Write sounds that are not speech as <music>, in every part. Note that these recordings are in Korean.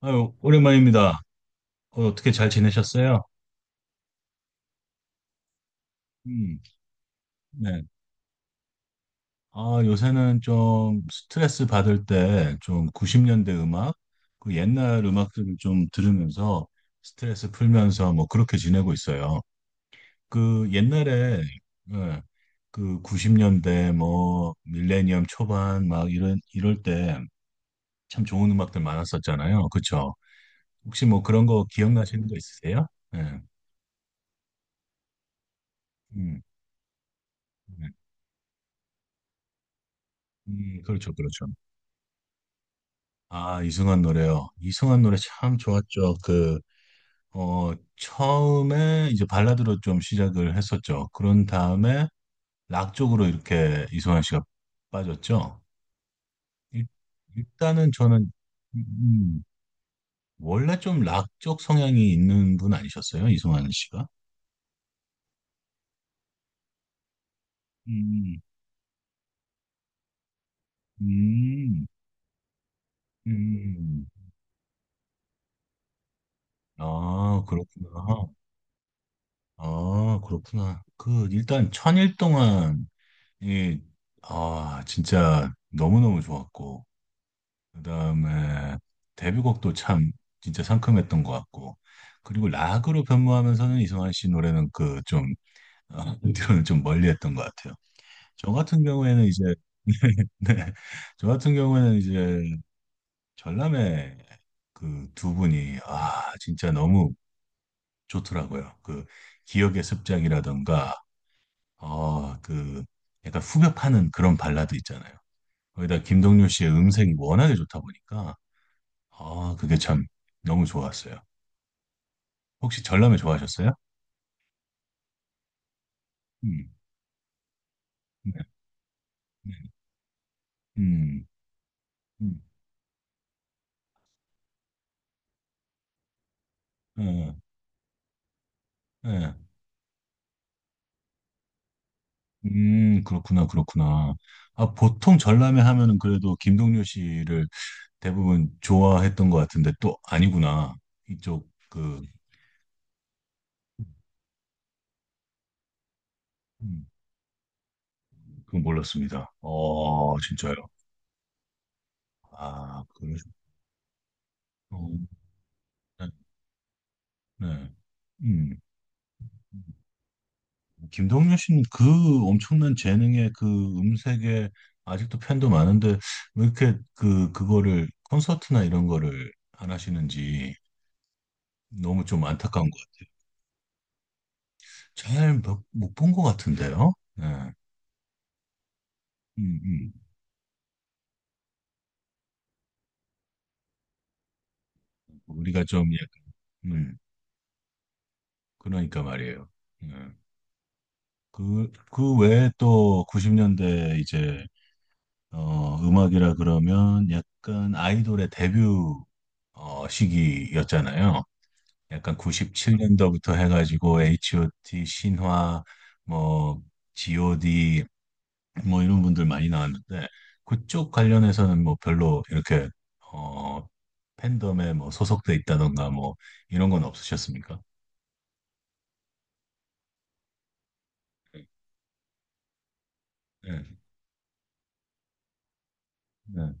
아유, 오랜만입니다. 어떻게 잘 지내셨어요? 음. 네. 아, 요새는 좀 스트레스 받을 때 좀 90년대 음악, 그 옛날 음악들을 좀 들으면서 스트레스 풀면서 뭐 그렇게 지내고 있어요. 그 옛날에, 예, 그 90년대 뭐 밀레니엄 초반 막 이런, 이럴 때 참 좋은 음악들 많았었잖아요. 그쵸? 혹시 뭐 그런 거 기억나시는 거 있으세요? 예. 음. 네. 그렇죠, 그렇죠. 아, 이승환 노래요. 이승환 노래 참 좋았죠. 그, 처음에 이제 발라드로 좀 시작을 했었죠. 그런 다음에 락 쪽으로 이렇게 이승환 씨가 빠졌죠. 일, 일단은 저는, 음, 음, 원래 좀 락 쪽 성향이 있는 분 아니셨어요? 이승환 씨가? 음. 음. 음. 아, 그렇구나. 아, 그렇구나. 그, 일단 천일 동안 이, 아, 진짜 너무너무 좋았고, 그 다음에 데뷔곡도 참 진짜 상큼했던 것 같고, 그리고 락으로 변모하면서는 이승환 씨 노래는 그 좀, 어, <laughs> 뒤로는 좀 멀리 했던 것 같아요. 저 같은 경우에는 이제, <laughs> 네, 저 같은 경우에는 이제 전람회 그 두 분이, 아, 진짜 너무 좋더라고요. 그 기억의 습작이라던가, 그 약간 후벼파는 그런 발라드 있잖아요. 거기다 김동률 씨의 음색이 워낙에 좋다 보니까 아 그게 참 너무 좋았어요. 혹시 전람회 좋아하셨어요? 음. 네. 네. 음. 음. 네. 네. 그렇구나, 그렇구나. 아 보통 전람회 하면은 그래도 김동률 씨를 대부분 좋아했던 것 같은데 또 아니구나. 이쪽 그 음, 그건 몰랐습니다. 어 진짜요. 아 그러시. 어. 네. 네. 음. 음. 김동률 씨는 그 엄청난 재능의 그 음색에 아직도 팬도 많은데 왜 이렇게 그 그거를 콘서트나 이런 거를 안 하시는지 너무 좀 안타까운 것 같아요. 잘 못 본 것 같은데요. 네. 음. 음. 우리가 좀 약간, 음, 그러니까 말이에요. 네. 그, 그 외에 또 90년대 이제 음악이라 그러면 약간 아이돌의 데뷔 시기였잖아요. 약간 97년도부터 해가지고 H.O.T. 신화 뭐 G.O.D. 뭐 이런 분들 많이 나왔는데 그쪽 관련해서는 뭐 별로 이렇게 어 팬덤에 뭐 소속돼 있다던가 뭐 이런 건 없으셨습니까? 네. 네.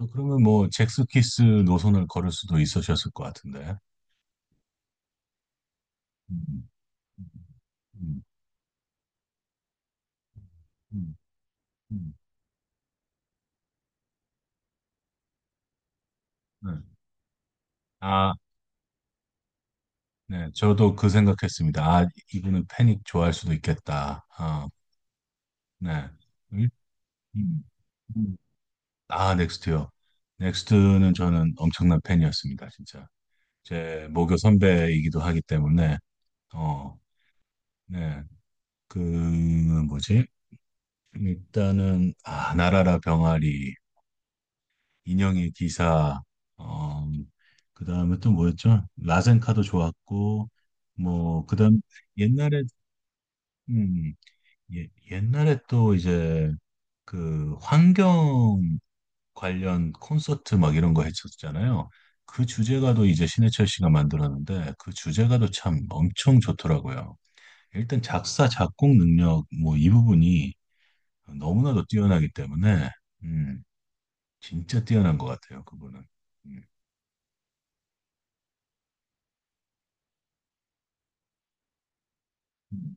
어, 그러면 뭐 잭스키스 노선을 걸을 수도 있으셨을 것 같은데. 음. 음. 음. 음. 음. 음. 네. 아, 네. 저도 그 생각했습니다. 아, 이분은 패닉 좋아할 수도 있겠다. 어. 네. 일- 음. 음. 아, 넥스트요. 넥스트는 저는 엄청난 팬이었습니다, 진짜. 제 모교 선배이기도 하기 때문에, 어. 네. 그, 뭐지? 일단은, 아, 나라라 병아리, 인형의 기사, 어, 그 다음에 또 뭐였죠? 라젠카도 좋았고, 뭐, 그 다음, 옛날에, 음, 예, 옛날에 또 이제, 그, 환경 관련 콘서트 막 이런 거 했었잖아요. 그 주제가도 이제 신해철 씨가 만들었는데 그 주제가도 참 엄청 좋더라고요. 일단 작사, 작곡 능력 뭐 이 부분이 너무나도 뛰어나기 때문에 음, 진짜 뛰어난 것 같아요. 그분은. 음,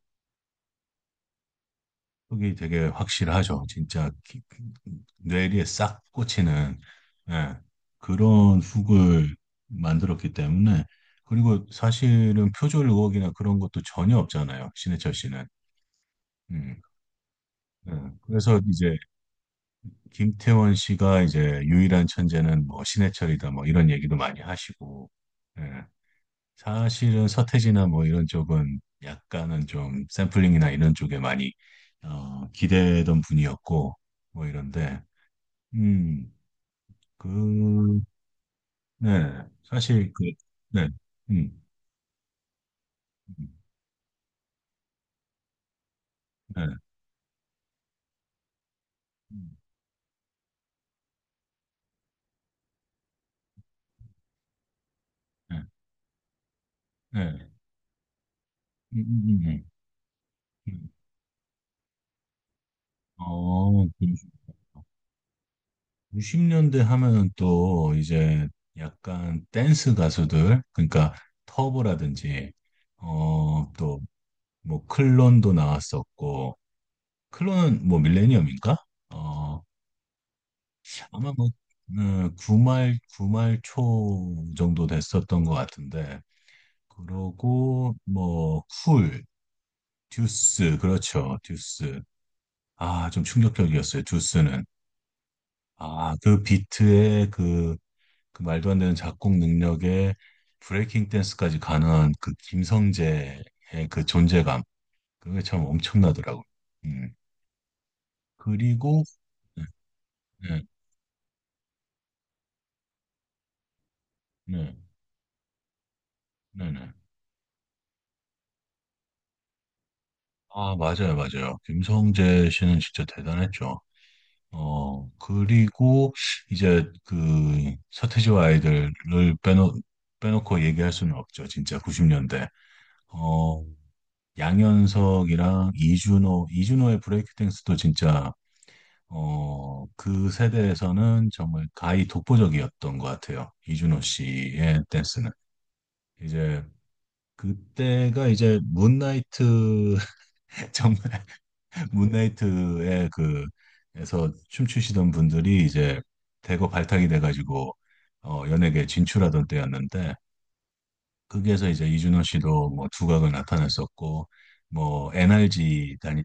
그게 되게 확실하죠. 진짜 뇌리에 싹 꽂히는 예, 그런 훅을 만들었기 때문에 그리고 사실은 표절 의혹이나 그런 것도 전혀 없잖아요. 신해철 씨는. 음. 네. 그래서 이제 김태원 씨가 이제 유일한 천재는 뭐 신해철이다 뭐 이런 얘기도 많이 하시고, 예. 사실은 서태지나 뭐 이런 쪽은 약간은 좀 샘플링이나 이런 쪽에 많이 기대던 분이었고 뭐 이런데, 음, 그, 네, 사실 그, 네, 음, 네, 네, 음, 네, 음, 음, 음. 어, 그러니까. 90년대 하면은 또 이제 약간 댄스 가수들, 그러니까 터보라든지, 또 뭐 클론도 나왔었고, 클론은 뭐 밀레니엄인가? 어, 아마 뭐, 구말, 구말 초 정도 됐었던 것 같은데, 그러고 뭐, 쿨, 듀스, 그렇죠, 듀스. 아, 좀 충격적이었어요, 듀스는. 아, 그 비트의 그 그 말도 안 되는 작곡 능력에 브레이킹 댄스까지 가능한 그 김성재의 그 존재감 그게 참 엄청나더라고요. 음. 그리고 네. 네. 네. 네. 네. 아, 맞아요, 맞아요. 김성재 씨는 진짜 대단했죠. 어, 그리고 이제 그 서태지와 아이들을 빼놓, 빼놓고 얘기할 수는 없죠. 진짜 90년대. 어, 양현석이랑 이준호, 이준호의 브레이크 댄스도 진짜 그 세대에서는 정말 가히 독보적이었던 것 같아요. 이준호 씨의 댄스는. 이제 그때가 이제 문나이트 <laughs> 정말 문나이트의 그 에서 춤추시던 분들이 이제 대거 발탁이 돼가지고 연예계 진출하던 때였는데 거기에서 이제 이준호 씨도 뭐 두각을 나타냈었고 뭐 NRG 단위에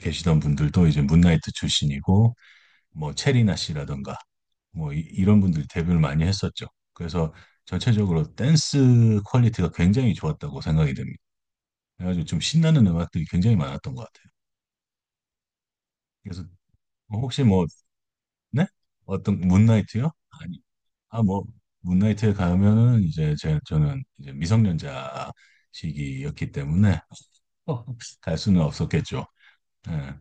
계시던 분들도 이제 문나이트 출신이고 뭐 체리나 씨라던가 뭐 이, 런 분들이 데뷔를 많이 했었죠. 그래서 전체적으로 댄스 퀄리티가 굉장히 좋았다고 생각이 됩니다. 그래가지고 좀 신나는 음악들이 굉장히 많았던 것 같아요. 그래서 뭐 혹시 뭐, 네? 어떤 문나이트요? 아니, 아, 뭐, 문나이트에 가면은 이제 제, 저는 이제 미성년자 시기였기 때문에 <laughs> 갈 수는 없었겠죠. 예.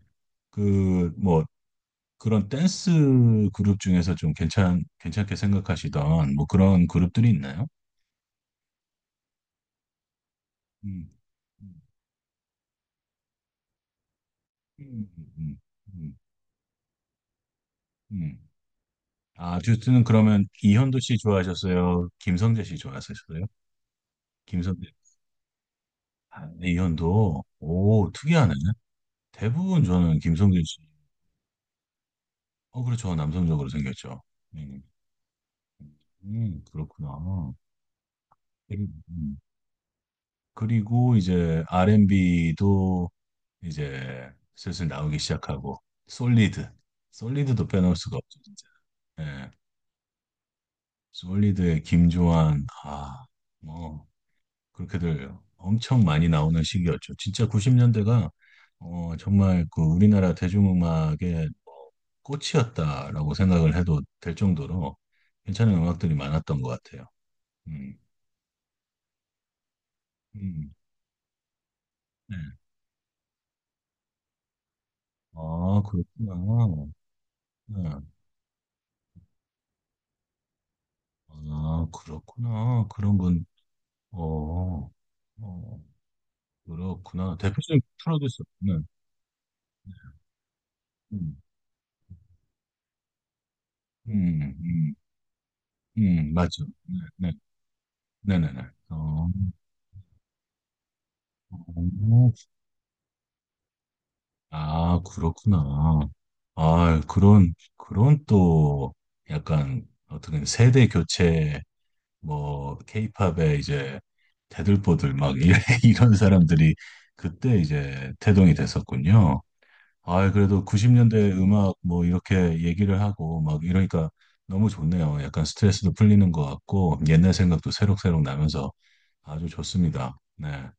그, 뭐, 그런 댄스 그룹 중에서 좀 괜찮게 생각하시던 뭐 그런 그룹들이 있나요? 음. 음. 음. 음. 음. 아, 듀스는 그러면 이현도 씨 좋아하셨어요? 김성재 씨 좋아하셨어요? 김성재. 아, 네, 이현도. 오, 특이하네. 대부분 저는 김성재 씨. 그렇죠. 남성적으로 생겼죠. 음. 그렇구나. 음. 음. 그리고 이제 R&B도 이제 슬슬 나오기 시작하고, 솔리드. 솔리드도 빼놓을 수가 없죠, 진짜. 예. 솔리드의 김조한, 아, 뭐. 그렇게들 엄청 많이 나오는 시기였죠. 진짜 90년대가 정말 그 우리나라 대중음악의 뭐 꽃이었다라고 생각을 해도 될 정도로 괜찮은 음악들이 많았던 것 같아요. 음. 음. 네. 아, 그렇구나. 네. 아, 그렇구나. 그런 분, 어, 어, 그렇구나. 대표적인 프로듀서. 네. 음. 음. 음. 맞죠. 네. 네. 네. 네. 네. 어, 아, 그렇구나. 아, 그런, 그런 또 약간 어떻게 보면 세대 교체, 뭐, 케이팝에 이제 대들보들 막 <laughs> 이런 사람들이 그때 이제 태동이 됐었군요. 아, 그래도 90년대 음악 뭐 이렇게 얘기를 하고 막 이러니까 너무 좋네요. 약간 스트레스도 풀리는 것 같고 옛날 생각도 새록새록 나면서 아주 좋습니다. 네.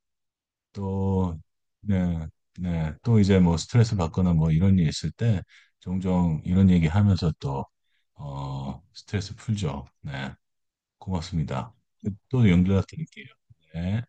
또, 네. 네. 또 이제 뭐 스트레스 받거나 뭐 이런 일 있을 때 종종 이런 얘기 하면서 또, 스트레스 풀죠. 네. 고맙습니다. 또 연결 드릴게요. 네.